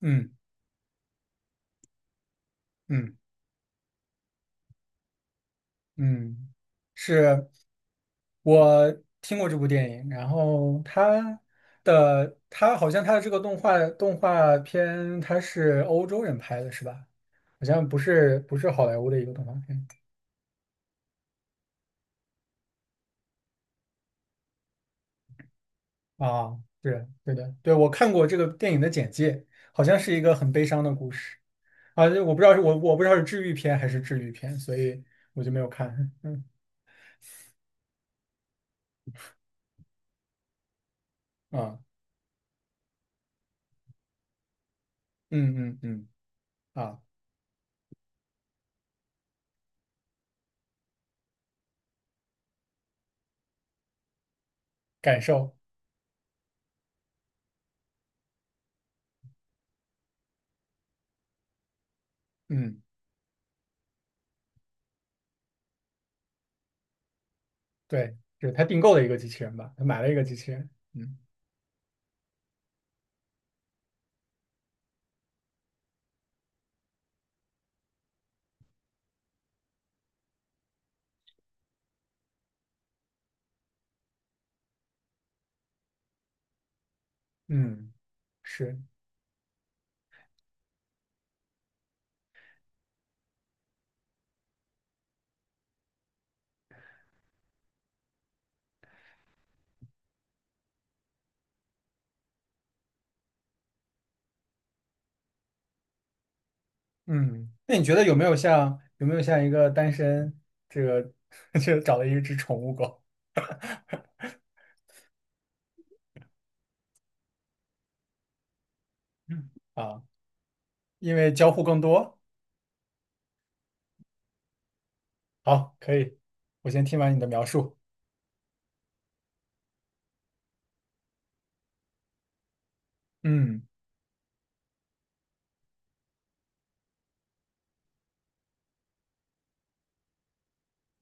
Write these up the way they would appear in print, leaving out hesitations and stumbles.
嗯嗯嗯，是，我听过这部电影，然后他好像他的这个动画片，他是欧洲人拍的，是吧？好像不是好莱坞的一个动画片。啊，对对的。对，我看过这个电影的简介，好像是一个很悲伤的故事。啊，我不知道是治愈片还是治愈片，所以我就没有看，嗯啊。嗯嗯嗯啊，感受。嗯。对，就是他订购的一个机器人吧，他买了一个机器人。嗯嗯，是。嗯，那你觉得有没有像一个单身这个 就找了一只宠物狗。嗯啊？因为交互更多。好，可以，我先听完你的描述。嗯。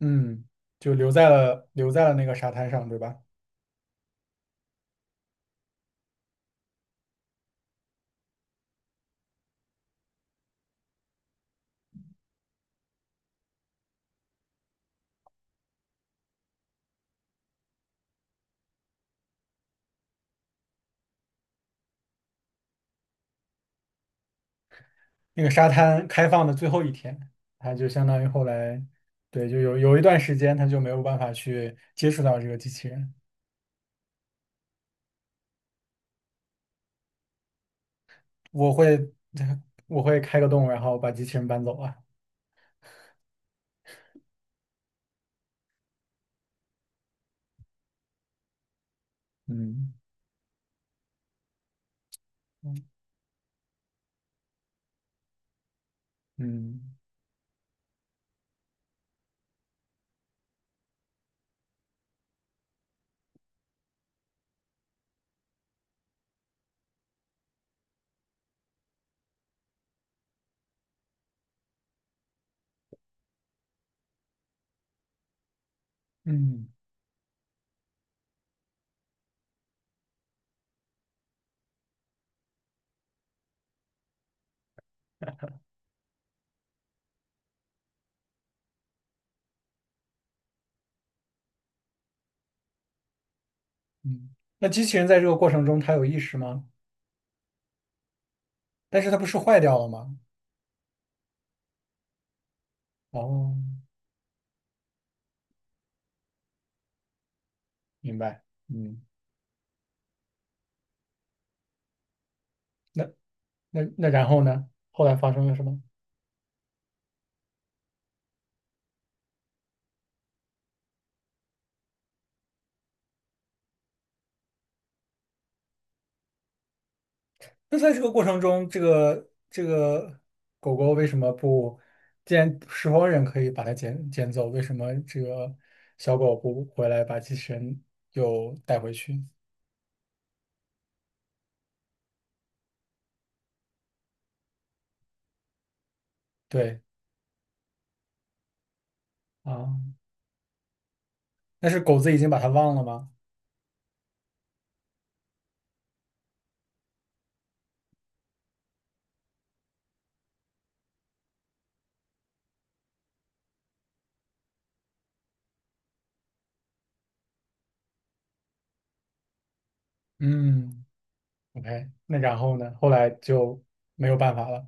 嗯，就留在了那个沙滩上，对吧？那个沙滩开放的最后一天，他就相当于后来，对，就有一段时间他就没有办法去接触到这个机器人。我会 我会开个洞，然后把机器人搬走啊。嗯嗯嗯嗯。那机器人在这个过程中，它有意识吗？但是它不是坏掉了吗？哦，明白。嗯，那那然后呢？后来发生了什么？那在这个过程中，这个狗狗为什么不？既然拾荒人可以把它捡走，为什么这个小狗不回来把机器人又带回去？对啊。那是狗子已经把它忘了吗？嗯，OK，那然后呢？后来就没有办法了，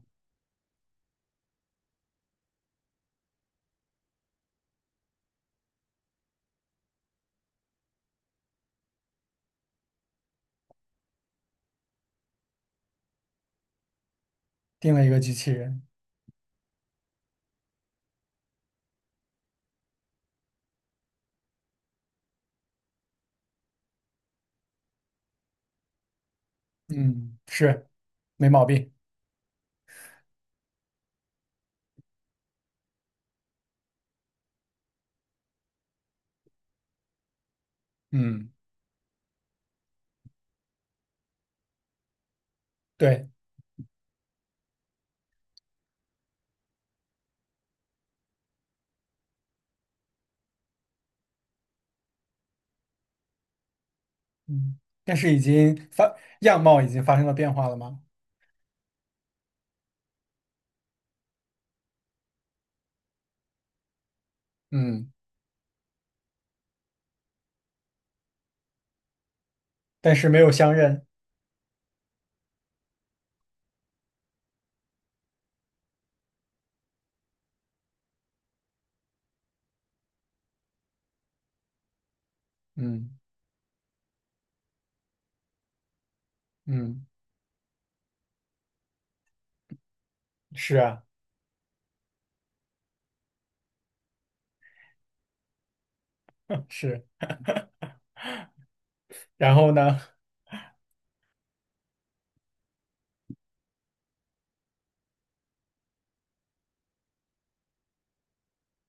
定了一个机器人。嗯，是，没毛病。嗯，对，嗯，但是已经发，样貌已经发生了变化了吗？嗯，但是没有相认。嗯嗯，是啊。是。然后呢？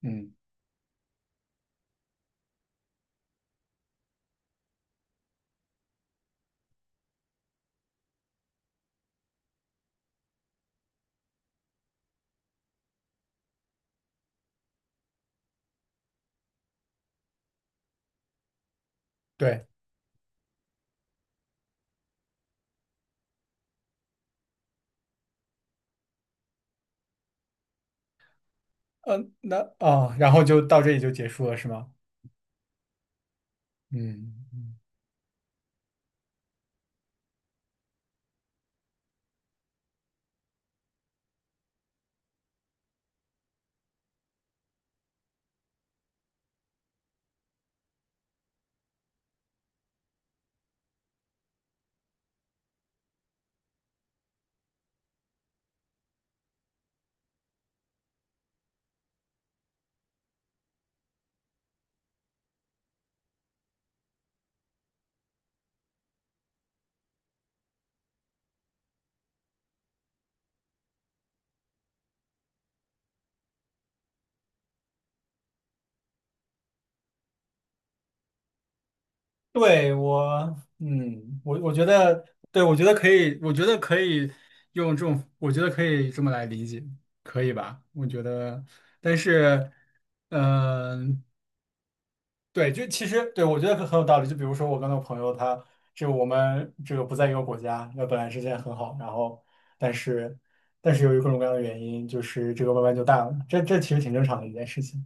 嗯，对，嗯，那啊，然后就到这里就结束了，是吗？嗯。嗯，对我，嗯，我觉得，对，我觉得可以，我觉得可以用这种，我觉得可以这么来理解，可以吧？我觉得，但是，嗯、对，就其实对我觉得很有道理。就比如说我跟我朋友他，就我们这个不在一个国家，那本来之间很好，然后但是但是由于各种各样的原因，就是这个慢慢就淡了，这其实挺正常的一件事情。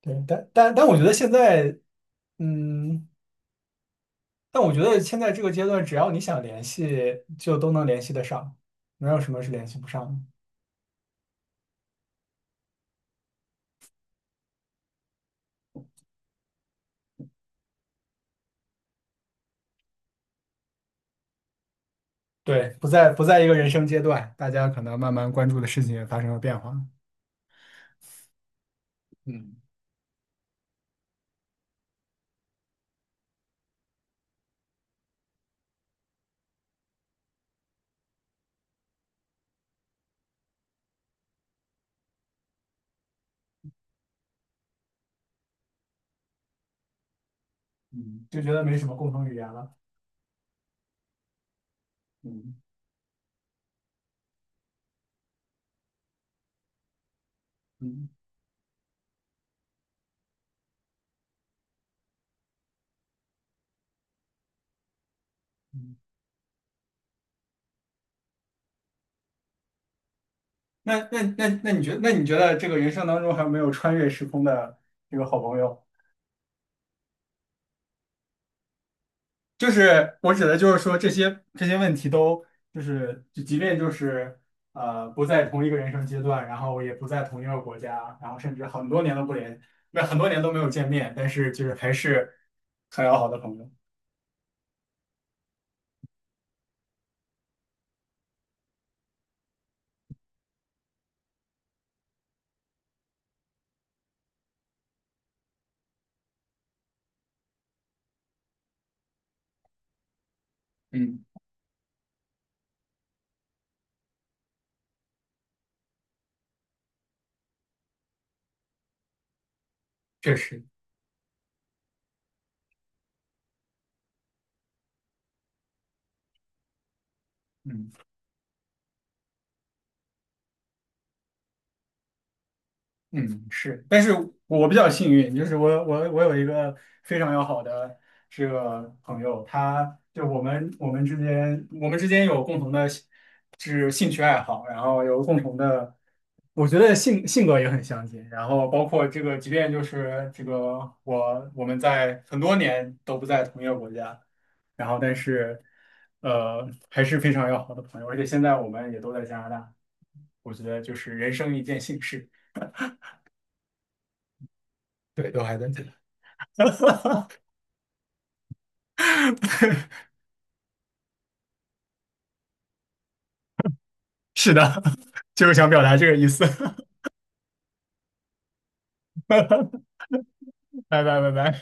对，但我觉得现在，嗯。但我觉得现在这个阶段，只要你想联系，就都能联系得上，没有什么是联系不上的。对，不在一个人生阶段，大家可能慢慢关注的事情也发生了变化。嗯嗯，就觉得没什么共同语言了。嗯嗯嗯。那你觉得，那你觉得这个人生当中还有没有穿越时空的这个好朋友？就是我指的就是说这些问题都就是就即便就是不在同一个人生阶段，然后也不在同一个国家，然后甚至很多年都不联，那很多年都没有见面，但是就是还是很要好的朋友。嗯，确实。嗯。嗯，是，但是我比较幸运，就是我有一个非常要好的这个朋友，他就我们之间有共同的兴趣爱好，然后有共同的，我觉得性格也很相近，然后包括这个，即便就是这个我们在很多年都不在同一个国家，然后但是还是非常要好的朋友，而且现在我们也都在加拿大，我觉得就是人生一件幸事。对，都还在这里。是的，就是想表达这个意思。拜拜拜拜。